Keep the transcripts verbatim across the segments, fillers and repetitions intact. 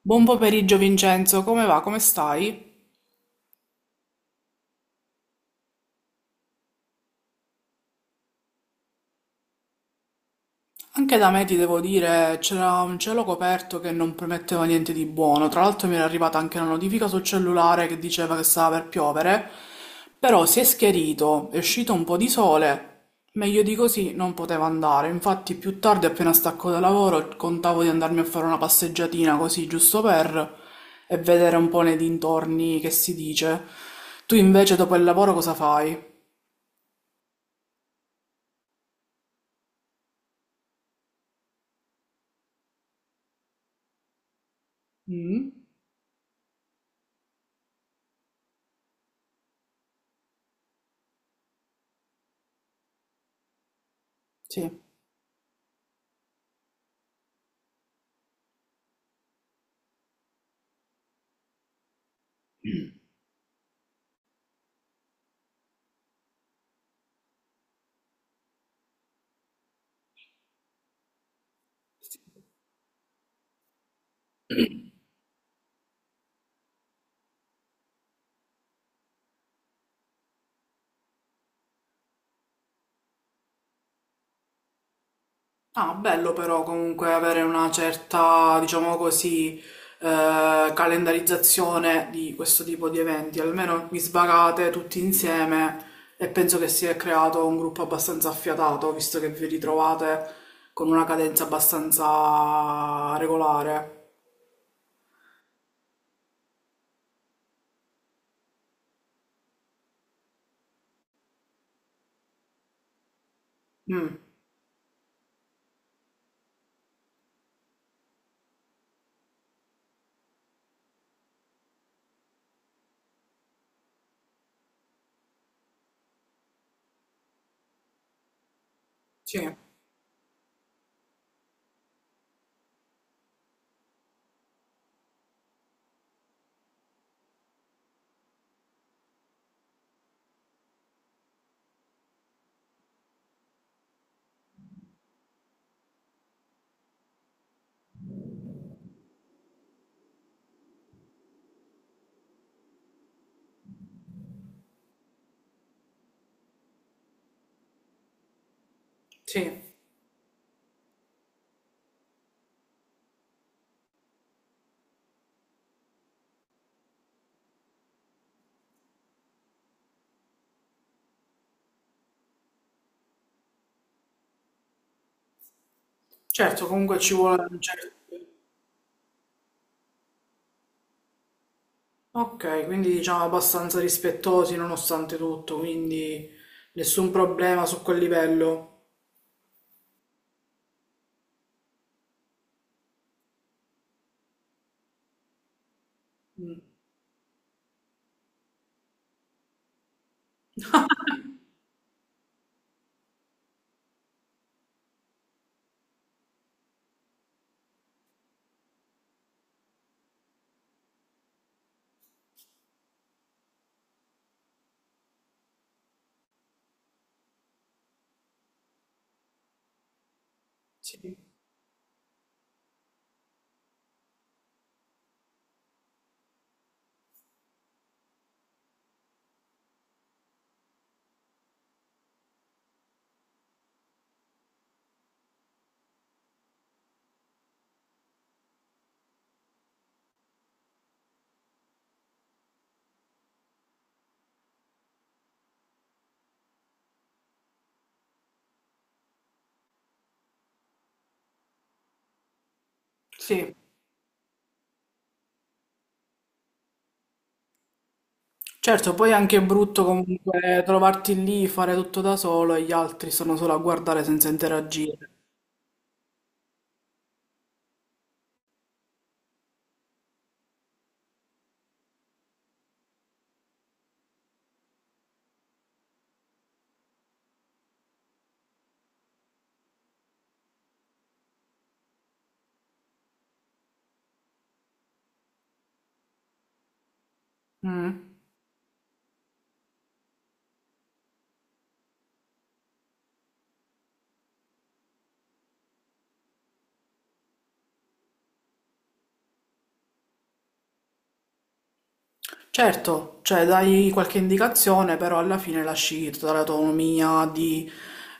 Buon pomeriggio Vincenzo, come va? Come stai? Anche da me ti devo dire, c'era un cielo coperto che non prometteva niente di buono. Tra l'altro mi era arrivata anche una notifica sul cellulare che diceva che stava per piovere, però si è schierito, è uscito un po' di sole. Meglio di così non poteva andare. Infatti più tardi, appena stacco da lavoro, contavo di andarmi a fare una passeggiatina così, giusto per, e vedere un po' nei dintorni che si dice. Tu invece dopo il lavoro cosa fai? Mm? Sì. Ah, bello però comunque avere una certa, diciamo così, eh, calendarizzazione di questo tipo di eventi. Almeno vi svagate tutti insieme e penso che si è creato un gruppo abbastanza affiatato, visto che vi ritrovate con una cadenza abbastanza regolare. Mm, sì, sì. Certo, comunque ci vuole un certo... Ok, quindi diciamo abbastanza rispettosi nonostante tutto, quindi nessun problema su quel livello. Sì, sì. Certo, poi è anche brutto comunque trovarti lì, fare tutto da solo e gli altri sono solo a guardare senza interagire. Mm. Certo, cioè dai qualche indicazione, però alla fine lasci tutta l'autonomia di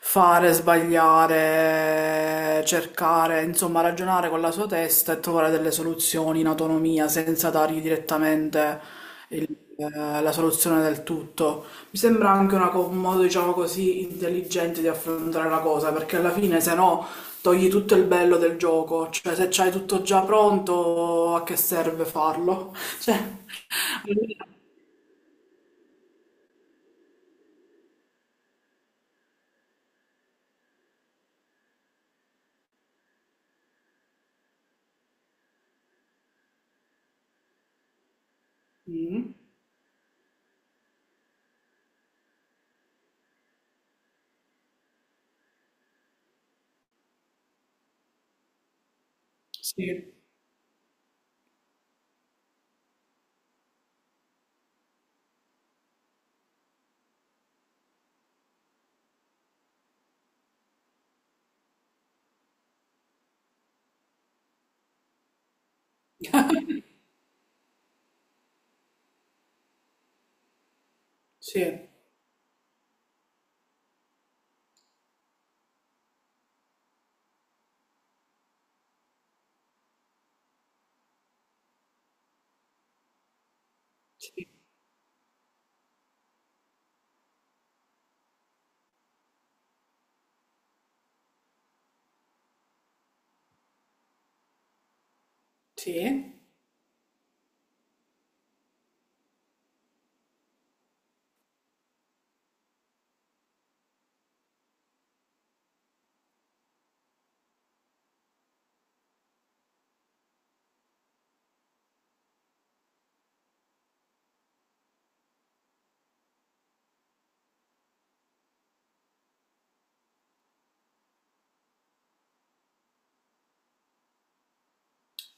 fare, sbagliare, cercare, insomma, ragionare con la sua testa e trovare delle soluzioni in autonomia senza dargli direttamente il- eh, la soluzione del tutto. Mi sembra anche una co- un modo, diciamo così, intelligente di affrontare la cosa, perché alla fine, se no, togli tutto il bello del gioco. Cioè, se c'hai tutto già pronto, a che serve farlo? Cioè. Allora. Mm. Sì, sì, sì, sì.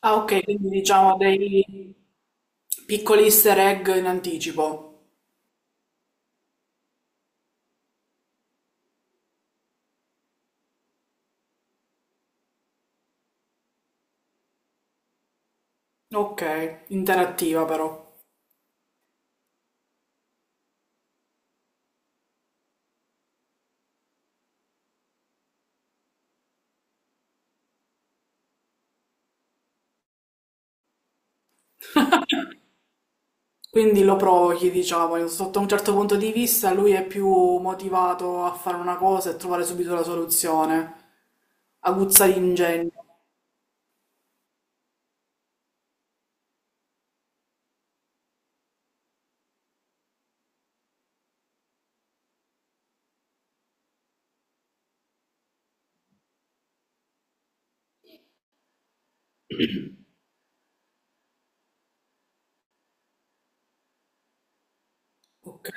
Ah, ok, quindi diciamo dei piccoli easter egg in anticipo. Ok, interattiva però. Quindi lo provochi, diciamo, sotto un certo punto di vista lui è più motivato a fare una cosa e trovare subito la soluzione. Aguzza l'ingegno. Ok,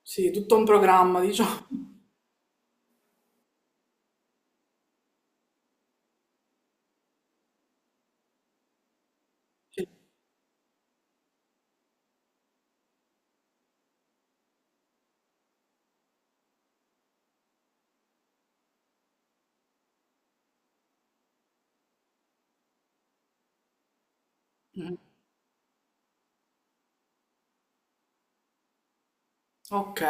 sì, tutto un programma, diciamo. Sì. Mm. Ok.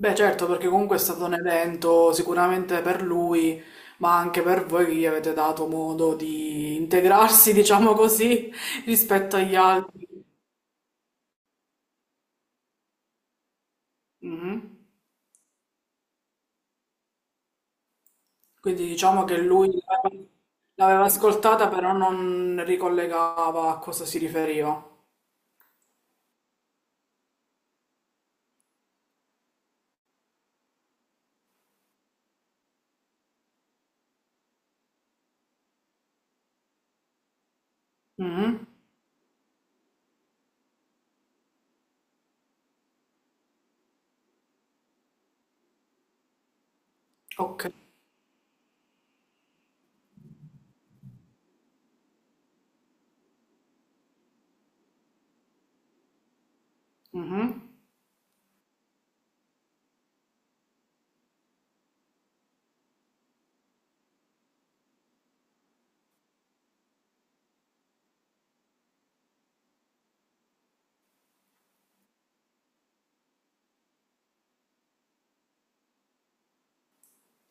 Beh, certo, perché comunque è stato un evento sicuramente per lui, ma anche per voi che gli avete dato modo di integrarsi, diciamo così, rispetto agli altri. Mhm. Quindi diciamo che lui l'aveva l'aveva ascoltata, però non ricollegava a cosa si riferiva. Mhm. Ok. Mhm.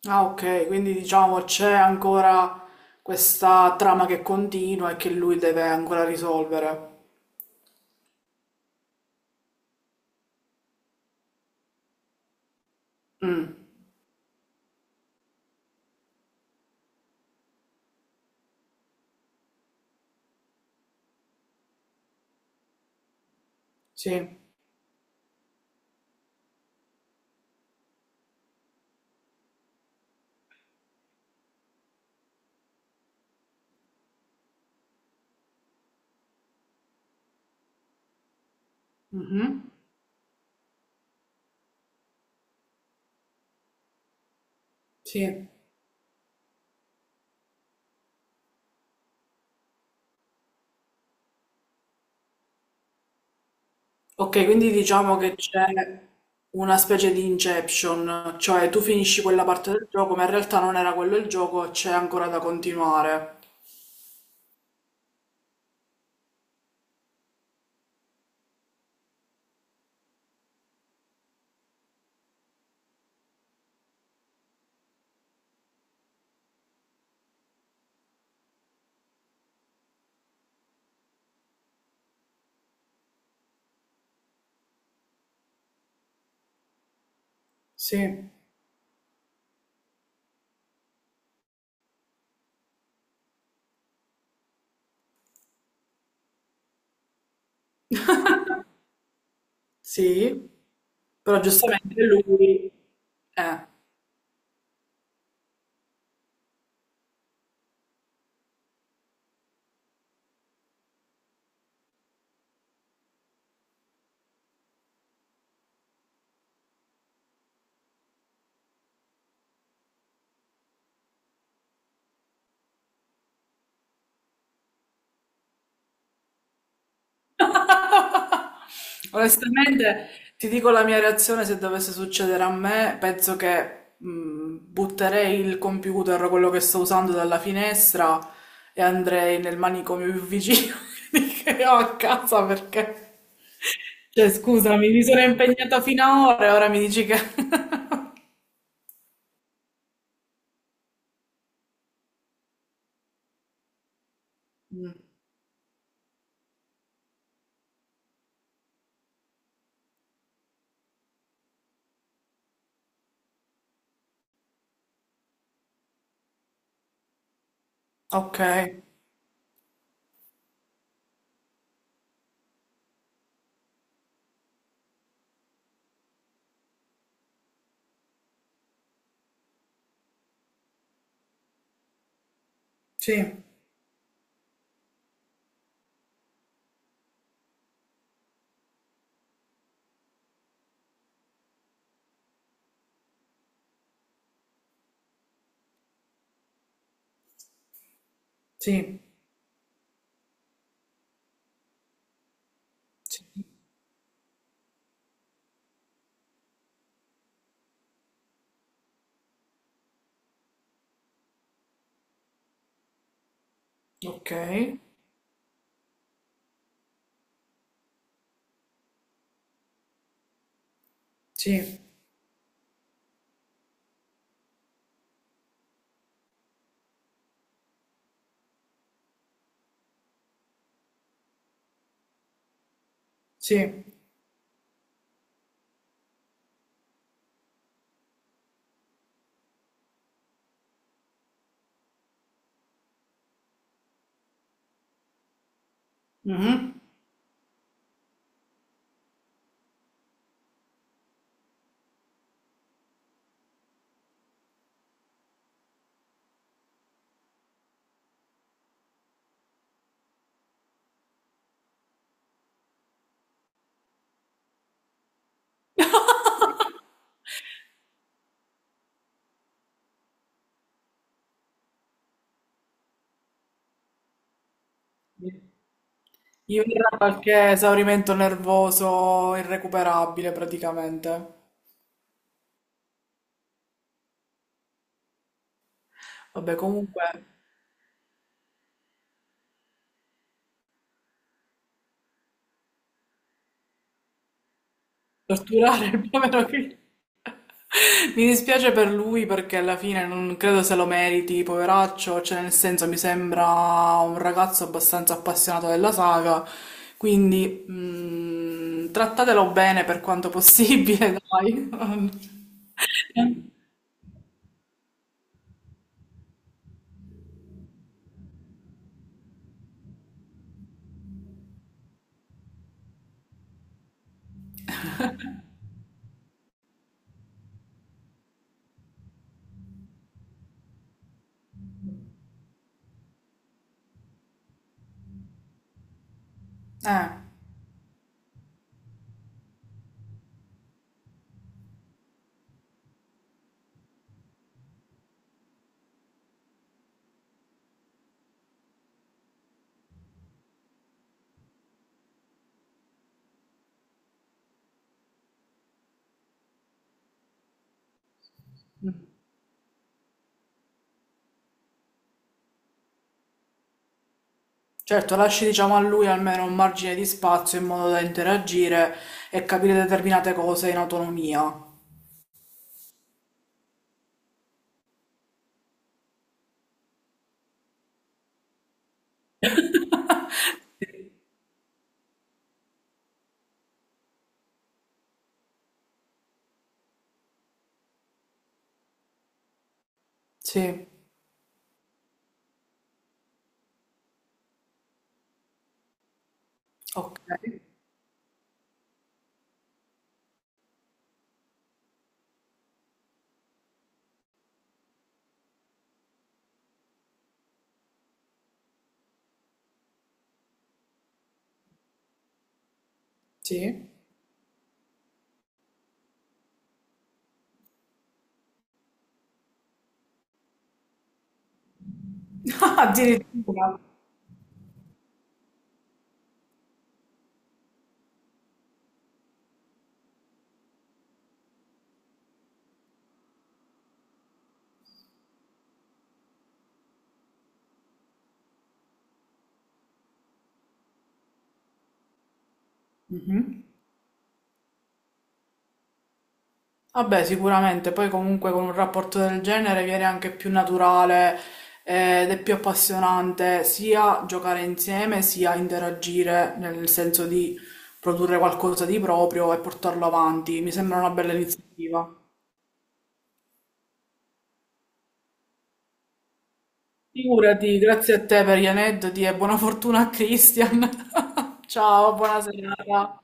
Ah, ok, quindi diciamo c'è ancora questa trama che continua e che lui deve ancora risolvere. Mm. Sì. Mhm. Sì. Ok, quindi diciamo che c'è una specie di inception, cioè tu finisci quella parte del gioco, ma in realtà non era quello il gioco, c'è ancora da continuare. Sì, sì, però giustamente lui... Eh. Onestamente, ti dico la mia reazione se dovesse succedere a me, penso che mh, butterei il computer, o quello che sto usando, dalla finestra e andrei nel manicomio più vicino che ho a casa perché... Cioè, scusami, mi sono impegnata fino a ora e ora mi dici che... Mm. Ok, sì, sì, sì, ok, sì, sì. Mhm. Io era qualche esaurimento nervoso irrecuperabile praticamente. Vabbè, comunque, torturare il povero figlio. Mi dispiace per lui perché alla fine non credo se lo meriti, poveraccio, cioè nel senso mi sembra un ragazzo abbastanza appassionato della saga, quindi mm, trattatelo bene per quanto possibile, dai. Eh. Certo, lasci diciamo a lui almeno un margine di spazio in modo da interagire e capire determinate cose in autonomia. Sì, ok, sì. Addirittura. Mhm. Vabbè, sicuramente, poi comunque con un rapporto del genere viene anche più naturale eh, ed è più appassionante sia giocare insieme sia interagire nel senso di produrre qualcosa di proprio e portarlo avanti. Mi sembra una bella iniziativa. Figurati, grazie a te per gli aneddoti e buona fortuna a Christian. Ciao, buona serata.